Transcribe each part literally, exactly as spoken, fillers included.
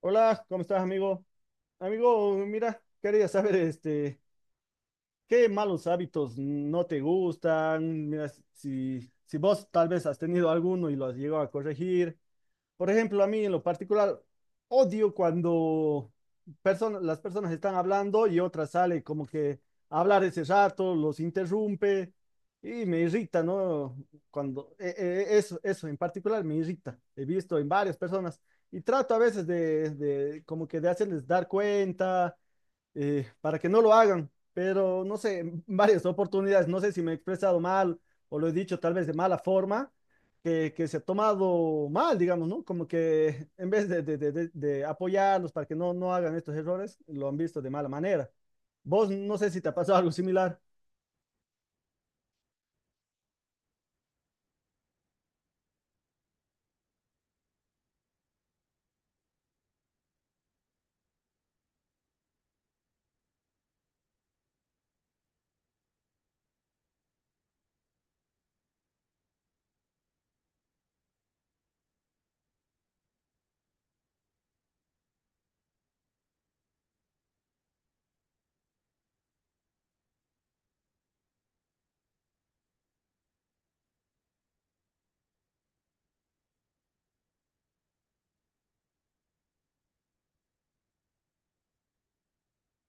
Hola, ¿cómo estás, amigo? Amigo, mira, quería saber, este, qué malos hábitos no te gustan. Mira, si, si vos tal vez has tenido alguno y lo has llegado a corregir. Por ejemplo, a mí en lo particular, odio cuando persona- las personas están hablando y otra sale como que a hablar ese rato, los interrumpe y me irrita, ¿no? Cuando e- e- eso, eso en particular me irrita. He visto en varias personas y trato a veces de, de como que de hacerles dar cuenta eh, para que no lo hagan, pero no sé, en varias oportunidades, no sé si me he expresado mal o lo he dicho tal vez de mala forma, que, que se ha tomado mal, digamos, ¿no? Como que en vez de, de- de- de- de apoyarlos para que no, no hagan estos errores, lo han visto de mala manera. Vos no sé si te ha pasado algo similar.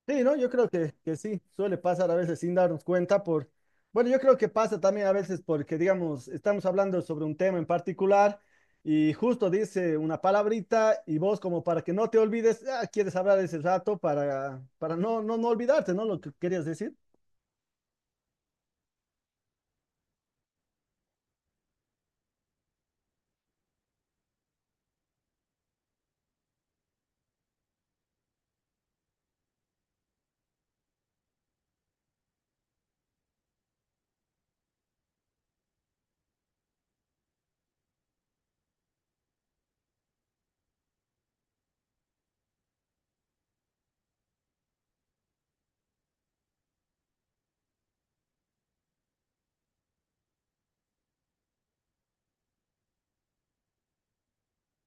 Sí, ¿no? Yo creo que, que sí, suele pasar a veces sin darnos cuenta por, bueno, yo creo que pasa también a veces porque, digamos, estamos hablando sobre un tema en particular y justo dice una palabrita y vos como para que no te olvides, ah, quieres hablar ese rato para, para no, no, no olvidarte, ¿no? Lo que querías decir.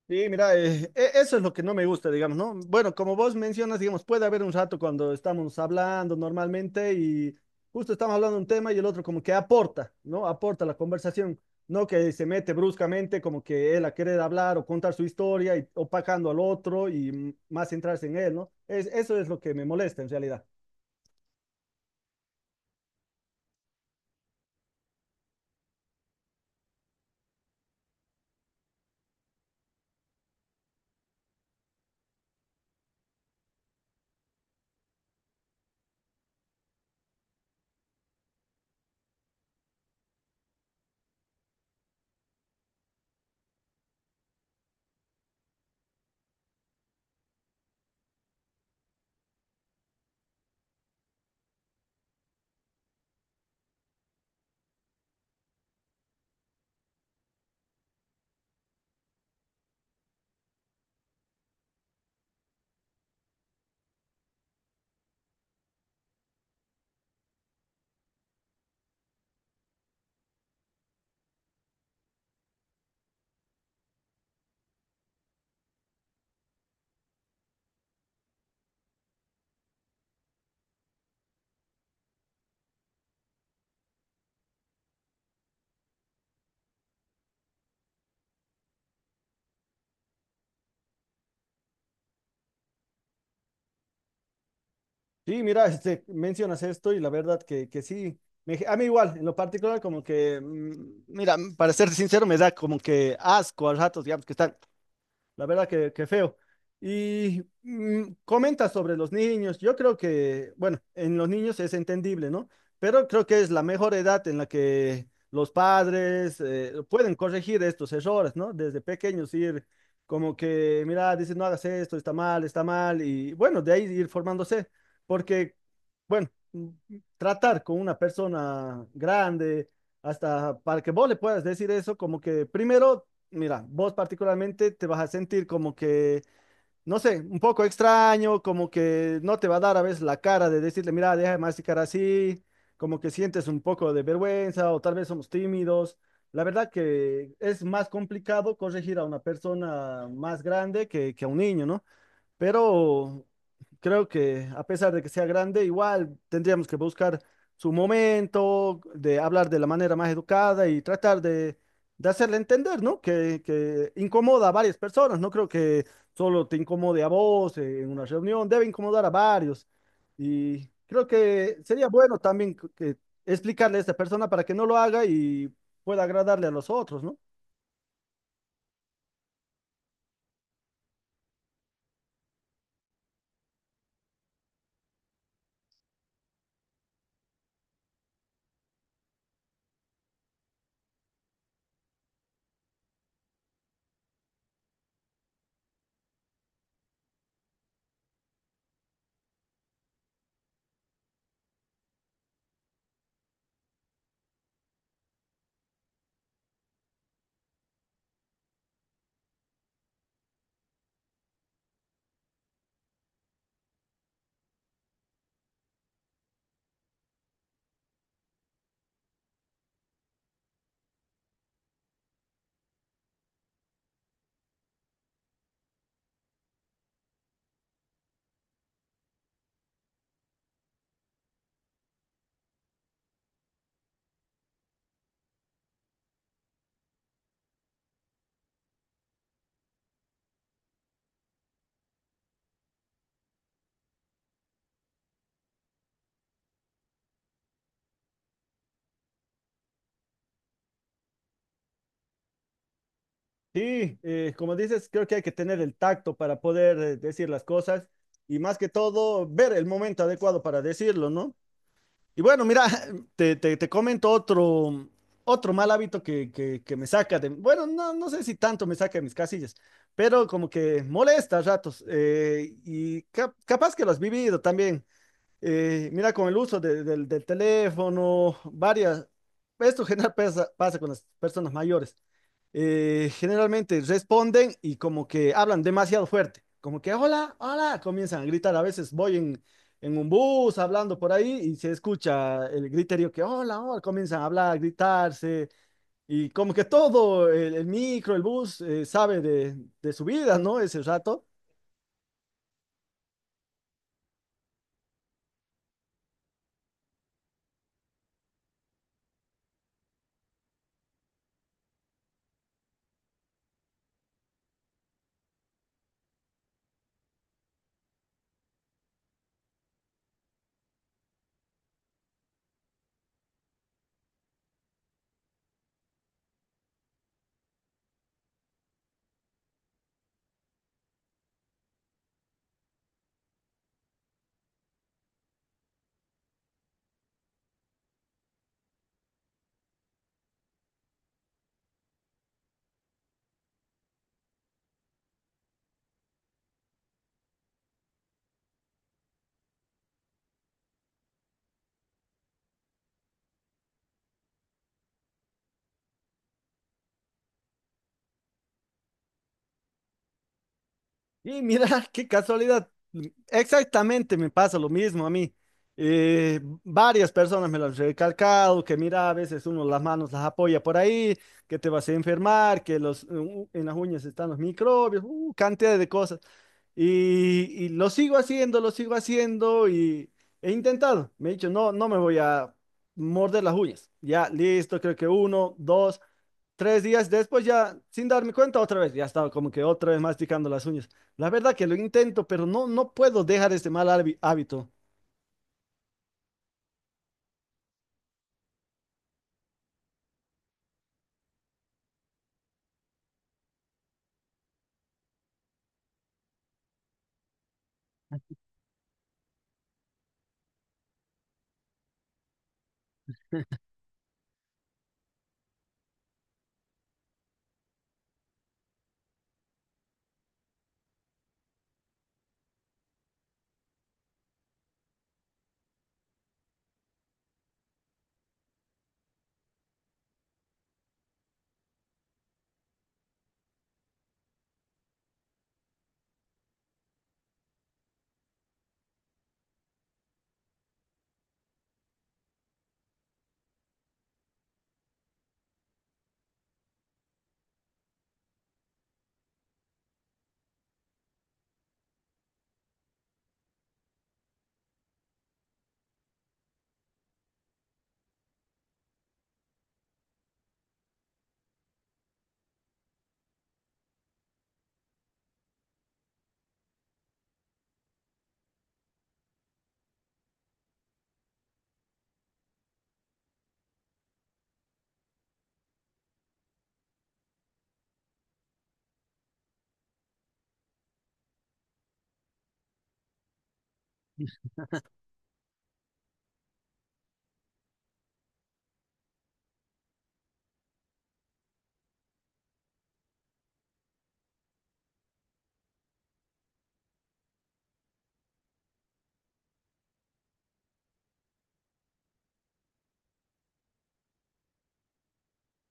Sí, mira, eh, e- eso es lo que no me gusta, digamos, ¿no? Bueno, como vos mencionas, digamos, puede haber un rato cuando estamos hablando normalmente y justo estamos hablando de un tema y el otro como que aporta, ¿no? Aporta la conversación, no que se mete bruscamente como que él a querer hablar o contar su historia y opacando al otro y mm, más centrarse en él, ¿no? Es, eso es lo que me molesta en realidad. Sí, mira, este, mencionas esto y la verdad que, que sí, me- a mí igual, en lo particular como que, mm, mira, para ser sincero, me da como que asco a ratos, digamos, que están la verdad que, que feo. Y mm, comenta sobre los niños. Yo creo que, bueno, en los niños es entendible, ¿no? Pero creo que es la mejor edad en la que los padres eh, pueden corregir estos errores, ¿no? Desde pequeños ir como que, mira, dice, no hagas esto, está mal, está mal. Y bueno, de ahí ir formándose. Porque, bueno, mm, tratar con una persona grande, hasta para que vos le puedas decir eso, como que primero mira, vos particularmente te vas a sentir como que, no sé, un poco extraño, como que no te va a dar a veces la cara de decirle, mira, deja de masticar así, como que sientes un poco de vergüenza o tal vez somos tímidos. La verdad que es más complicado corregir a una persona más grande que, que a un niño, ¿no? Pero creo que a pesar de que sea grande, igual tendríamos que buscar su momento, de hablar de la manera más educada y tratar de, de hacerle entender, ¿no? Que, que incomoda a varias personas, no creo que solo te incomode a vos eh, en una reunión, debe incomodar a varios. Y creo que sería bueno también que que explicarle a esta persona para que no lo haga y pueda agradarle a los otros, ¿no? Sí, eh, como dices, creo que hay que tener el tacto para poder eh, decir las cosas y más que todo ver el momento adecuado para decirlo, ¿no? Y bueno, mira, te, te, te comento otro, otro mal hábito que, que, que me saca de, bueno, no, no sé si tanto me saca de mis casillas, pero como que molesta a ratos eh, y cap- capaz que lo has vivido también. Eh, mira, con el uso de- del del teléfono, varias, esto general pasa, pasa con las personas mayores. eh, generalmente responden y como que hablan demasiado fuerte, como que hola, hola, comienzan a gritar. A veces voy en, en un bus hablando por ahí y se escucha el griterío que hola, hola, comienzan a hablar, a gritarse y como que todo el, el micro, el bus eh, sabe de, de su vida, ¿no? Ese rato. Y mira, qué casualidad. Exactamente me pasa lo mismo a mí. Eh, varias personas me lo han recalcado, que mira, a veces uno las manos las apoya por ahí, que te vas a enfermar, que los, u- en las uñas están los microbios, uh, cantidad de cosas. Y, y lo sigo haciendo, lo sigo haciendo y he intentado. Me he dicho, no, no me voy a morder las uñas. Ya, listo, creo que uno, dos. Tres días después ya, sin darme cuenta, otra vez, ya estaba como que otra vez masticando las uñas. La verdad que lo intento, pero no, no puedo dejar este mal hábi- hábito.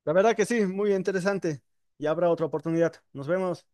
La verdad que sí, muy interesante. Y habrá otra oportunidad. Nos vemos.